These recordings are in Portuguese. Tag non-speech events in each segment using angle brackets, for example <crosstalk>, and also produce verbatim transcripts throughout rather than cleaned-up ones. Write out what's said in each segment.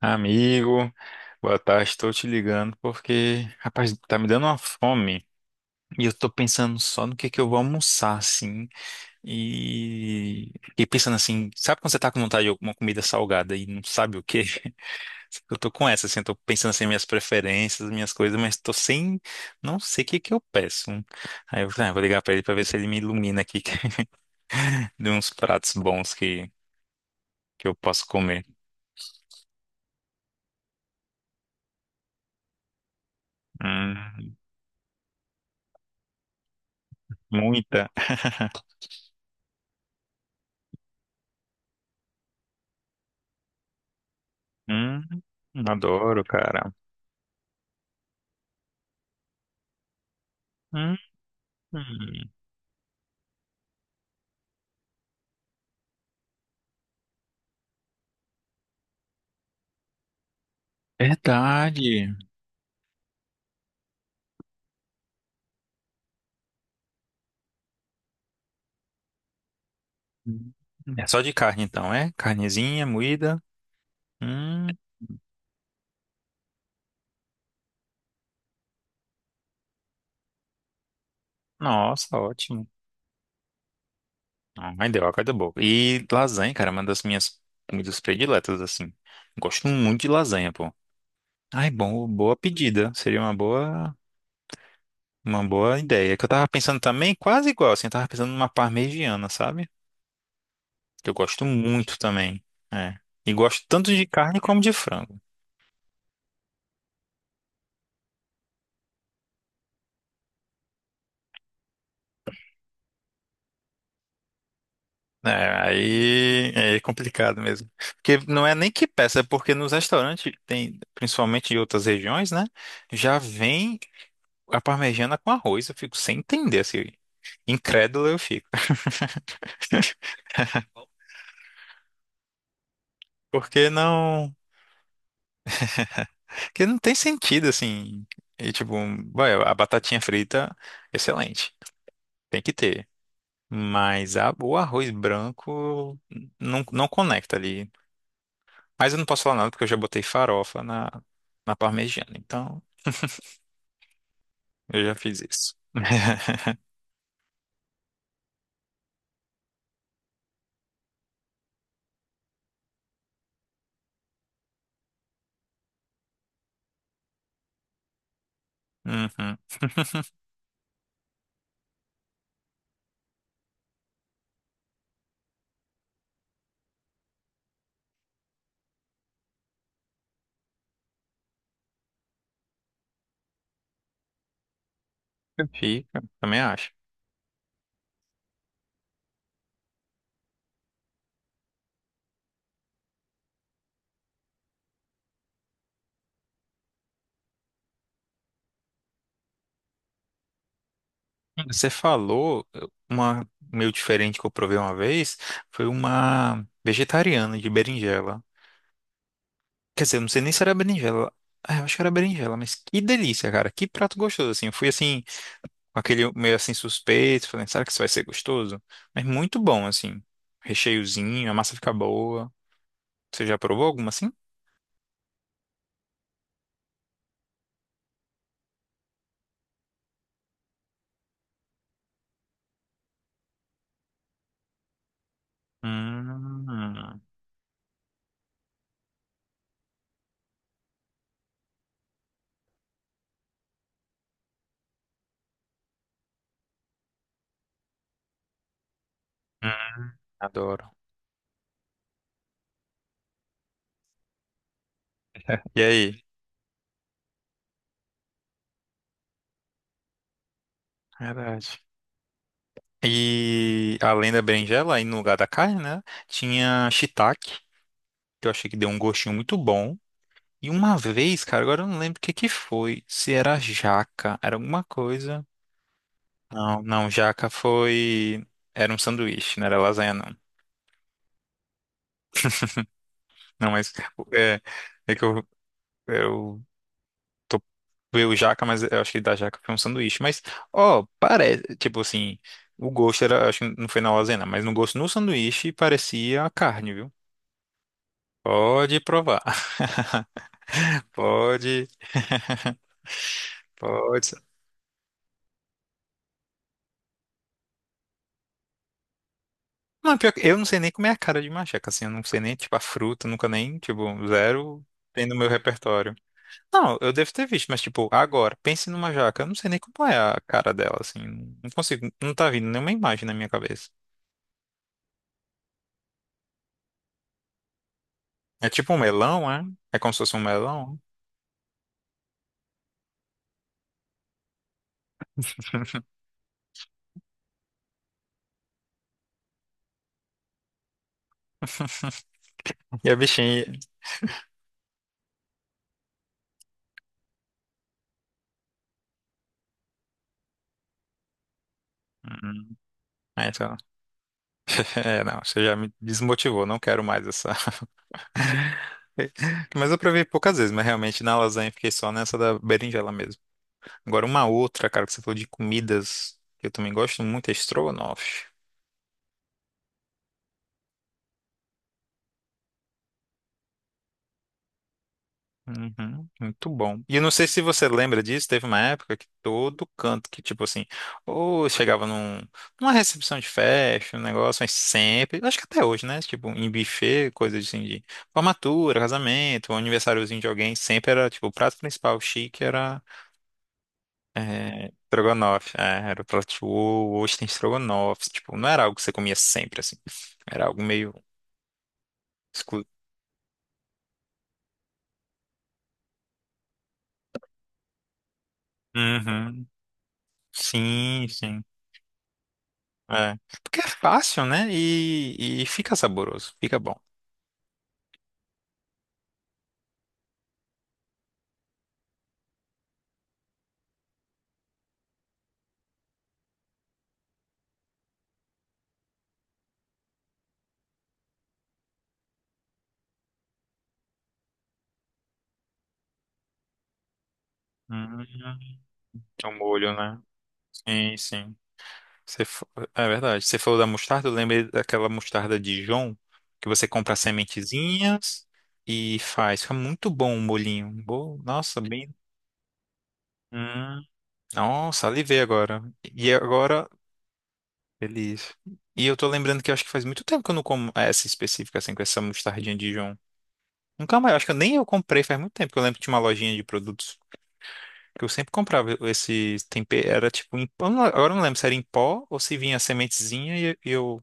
Amigo, boa tarde. Estou te ligando porque, rapaz, tá me dando uma fome e eu tô pensando só no que que eu vou almoçar, assim. E, e pensando assim, sabe quando você tá com vontade de alguma comida salgada e não sabe o quê? <laughs> Eu tô com essa, assim, eu tô pensando assim, minhas preferências, minhas coisas, mas tô sem, não sei o que que eu peço. Aí eu falei, ah, vou ligar pra ele pra ver se ele me ilumina aqui <laughs> de uns pratos bons que, que eu posso comer. Hum, Muita. Hum, Adoro, cara. Hum, Verdade. Hum, É só de carne, então, é? Carnezinha, moída. Hum, Nossa, ótimo. Ai, deu água da boca. E lasanha, cara, é uma das minhas comidas prediletas, assim. Gosto muito de lasanha, pô. Ai, bom, boa pedida. Seria uma boa, uma boa ideia. Que eu tava pensando também, quase igual, assim, eu tava pensando numa parmegiana, sabe? Que eu gosto muito também. É. E gosto tanto de carne como de frango. É, aí é complicado mesmo. Porque não é nem que peça, é porque nos restaurantes tem, principalmente em outras regiões, né? Já vem a parmegiana com arroz. Eu fico sem entender, assim. Incrédulo eu fico. <laughs> Porque não. Porque não tem sentido, assim. E tipo, vai, a batatinha frita, excelente. Tem que ter. Mas a- o arroz branco não, não conecta ali. Mas eu não posso falar nada porque eu já botei farofa na, na parmegiana. Então. Eu já fiz isso. <laughs> Uhum. <laughs> Fica, também acho. Você falou uma meio diferente que eu provei uma vez, foi uma vegetariana de berinjela. Quer dizer, eu não sei nem se era berinjela. Ah, eu acho que era berinjela, mas que delícia, cara. Que prato gostoso, assim. Eu fui assim, com aquele meio assim suspeito, falando, será que isso vai ser gostoso? Mas muito bom, assim. Recheiozinho, a massa fica boa. Você já provou alguma assim? Hum, hum, adoro. <laughs> E aí? Verdade. E além da berinjela, aí no lugar da carne, né? Tinha shiitake, que eu achei que deu um gostinho muito bom. E uma vez, cara, agora eu não lembro o que que foi. Se era jaca, era alguma coisa. Não, não, jaca foi. Era um sanduíche, não era lasanha, não. Não, mas é, é que eu, eu tô veio jaca, mas eu acho que da jaca foi um sanduíche. Mas, ó, parece, tipo assim, o gosto era, acho que não foi na lasanha, não, mas no gosto no sanduíche parecia a carne, viu? Pode provar. <laughs> Pode. <laughs> Pode. Não, pior que eu não sei nem como é a cara de macaca, assim, eu não sei nem, tipo, a fruta, nunca nem, tipo, zero tem no meu repertório. Não, eu devo ter visto, mas, tipo, agora, pense numa jaca, eu não sei nem como é a cara dela, assim, não consigo, não tá vindo nenhuma imagem na minha cabeça. É tipo um melão, é? É como se fosse um melão? <laughs> E a bichinha... Hum, é, então, <laughs> é, não, você já me desmotivou, não quero mais essa. Mas eu provei poucas vezes, mas realmente na lasanha eu fiquei só nessa da berinjela mesmo. Agora uma outra, cara, que você falou de comidas, que eu também gosto muito, é estrogonofe. Uhum, muito bom. E eu não sei se você lembra disso, teve uma época que todo canto que, tipo assim, ou chegava num, numa recepção de festa, um negócio, mas sempre, acho que até hoje, né? Tipo, em buffet, coisa assim de formatura, casamento, um aniversáriozinho de alguém, sempre era, tipo, o prato principal chique era é, estrogonofe, é, era o prato ou ostra estrogonofe, tipo, não era algo que você comia sempre, assim, era algo meio exclusivo. Uhum. Sim, sim, é. Porque é fácil, né, e, e fica saboroso, fica bom. Uhum. O molho, né, sim, sim, você, fa- é verdade, você falou da mostarda, eu lembrei daquela mostarda Dijon, que você compra as sementezinhas e faz, fica muito bom o molhinho, Bo- nossa, bem... Nossa, alivei agora. E agora, feliz. E eu tô lembrando que eu acho que faz muito tempo que eu não como essa específica, assim, com essa mostardinha de Dijon. Nunca mais, eu acho que eu nem eu comprei faz muito tempo, que eu lembro que tinha uma lojinha de produtos que eu sempre comprava esse tempero, era tipo em eu não- agora eu não lembro se era em pó ou se vinha a sementezinha e e eu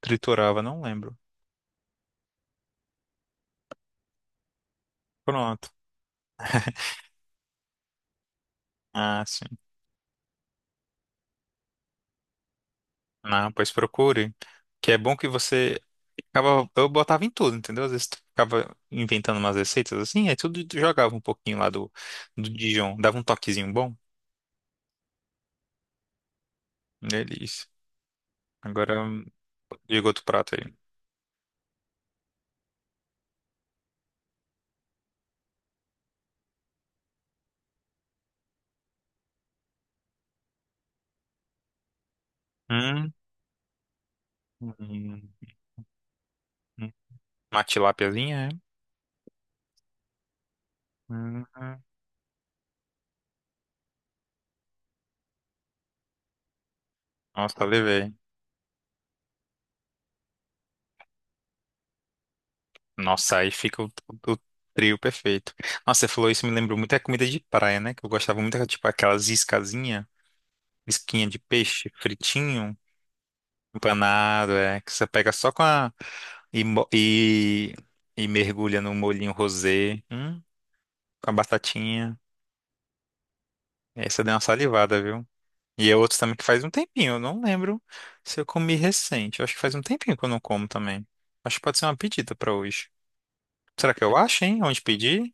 triturava, não lembro. Pronto. Ah, sim. Não, pois procure. Que é bom que você ficava, eu botava em tudo, entendeu? Às vezes tu ficava inventando umas receitas assim, aí tudo tu jogava um pouquinho lá do, do Dijon, dava um toquezinho bom delícia. Agora, diga outro prato aí. Hum, hum, hum. Uma tilápiazinha, é? Hum, hum. Nossa, levei. Nossa, aí fica o, o o trio perfeito. Nossa, você falou isso, me lembrou muito a comida de praia, né? Que eu gostava muito, era tipo aquelas iscazinha, isquinha de peixe, fritinho. Empanado, é. Que você pega só com a. E, mo- e, e mergulha no molhinho rosé. Hum, com a batatinha. Essa deu uma salivada, viu? E é outro também que faz um tempinho. Eu não lembro se eu comi recente. Eu acho que faz um tempinho que eu não como também. Acho que pode ser uma pedida pra hoje. Será que eu acho, hein? Onde pedir?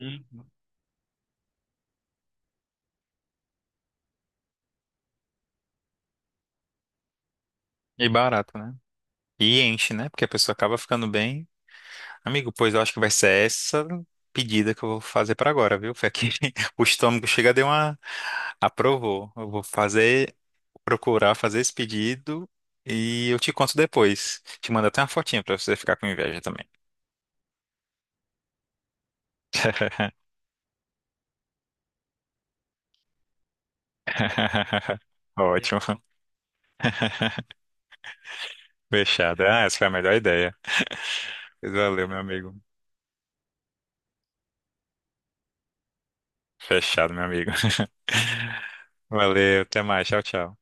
Hum. E barato, né? E enche, né? Porque a pessoa acaba ficando bem. Amigo, pois eu acho que vai ser essa pedida que eu vou fazer para agora, viu? Foi aqui. <laughs> O estômago chega, deu uma. Aprovou. Eu vou fazer, procurar fazer esse pedido e eu te conto depois. Te mando até uma fotinha para você ficar com inveja também. <laughs> Ótimo. Fechou. Fechado. Ah, essa foi a melhor ideia. Valeu, meu amigo. Fechado, meu amigo. <laughs> Valeu, até mais. Tchau, tchau.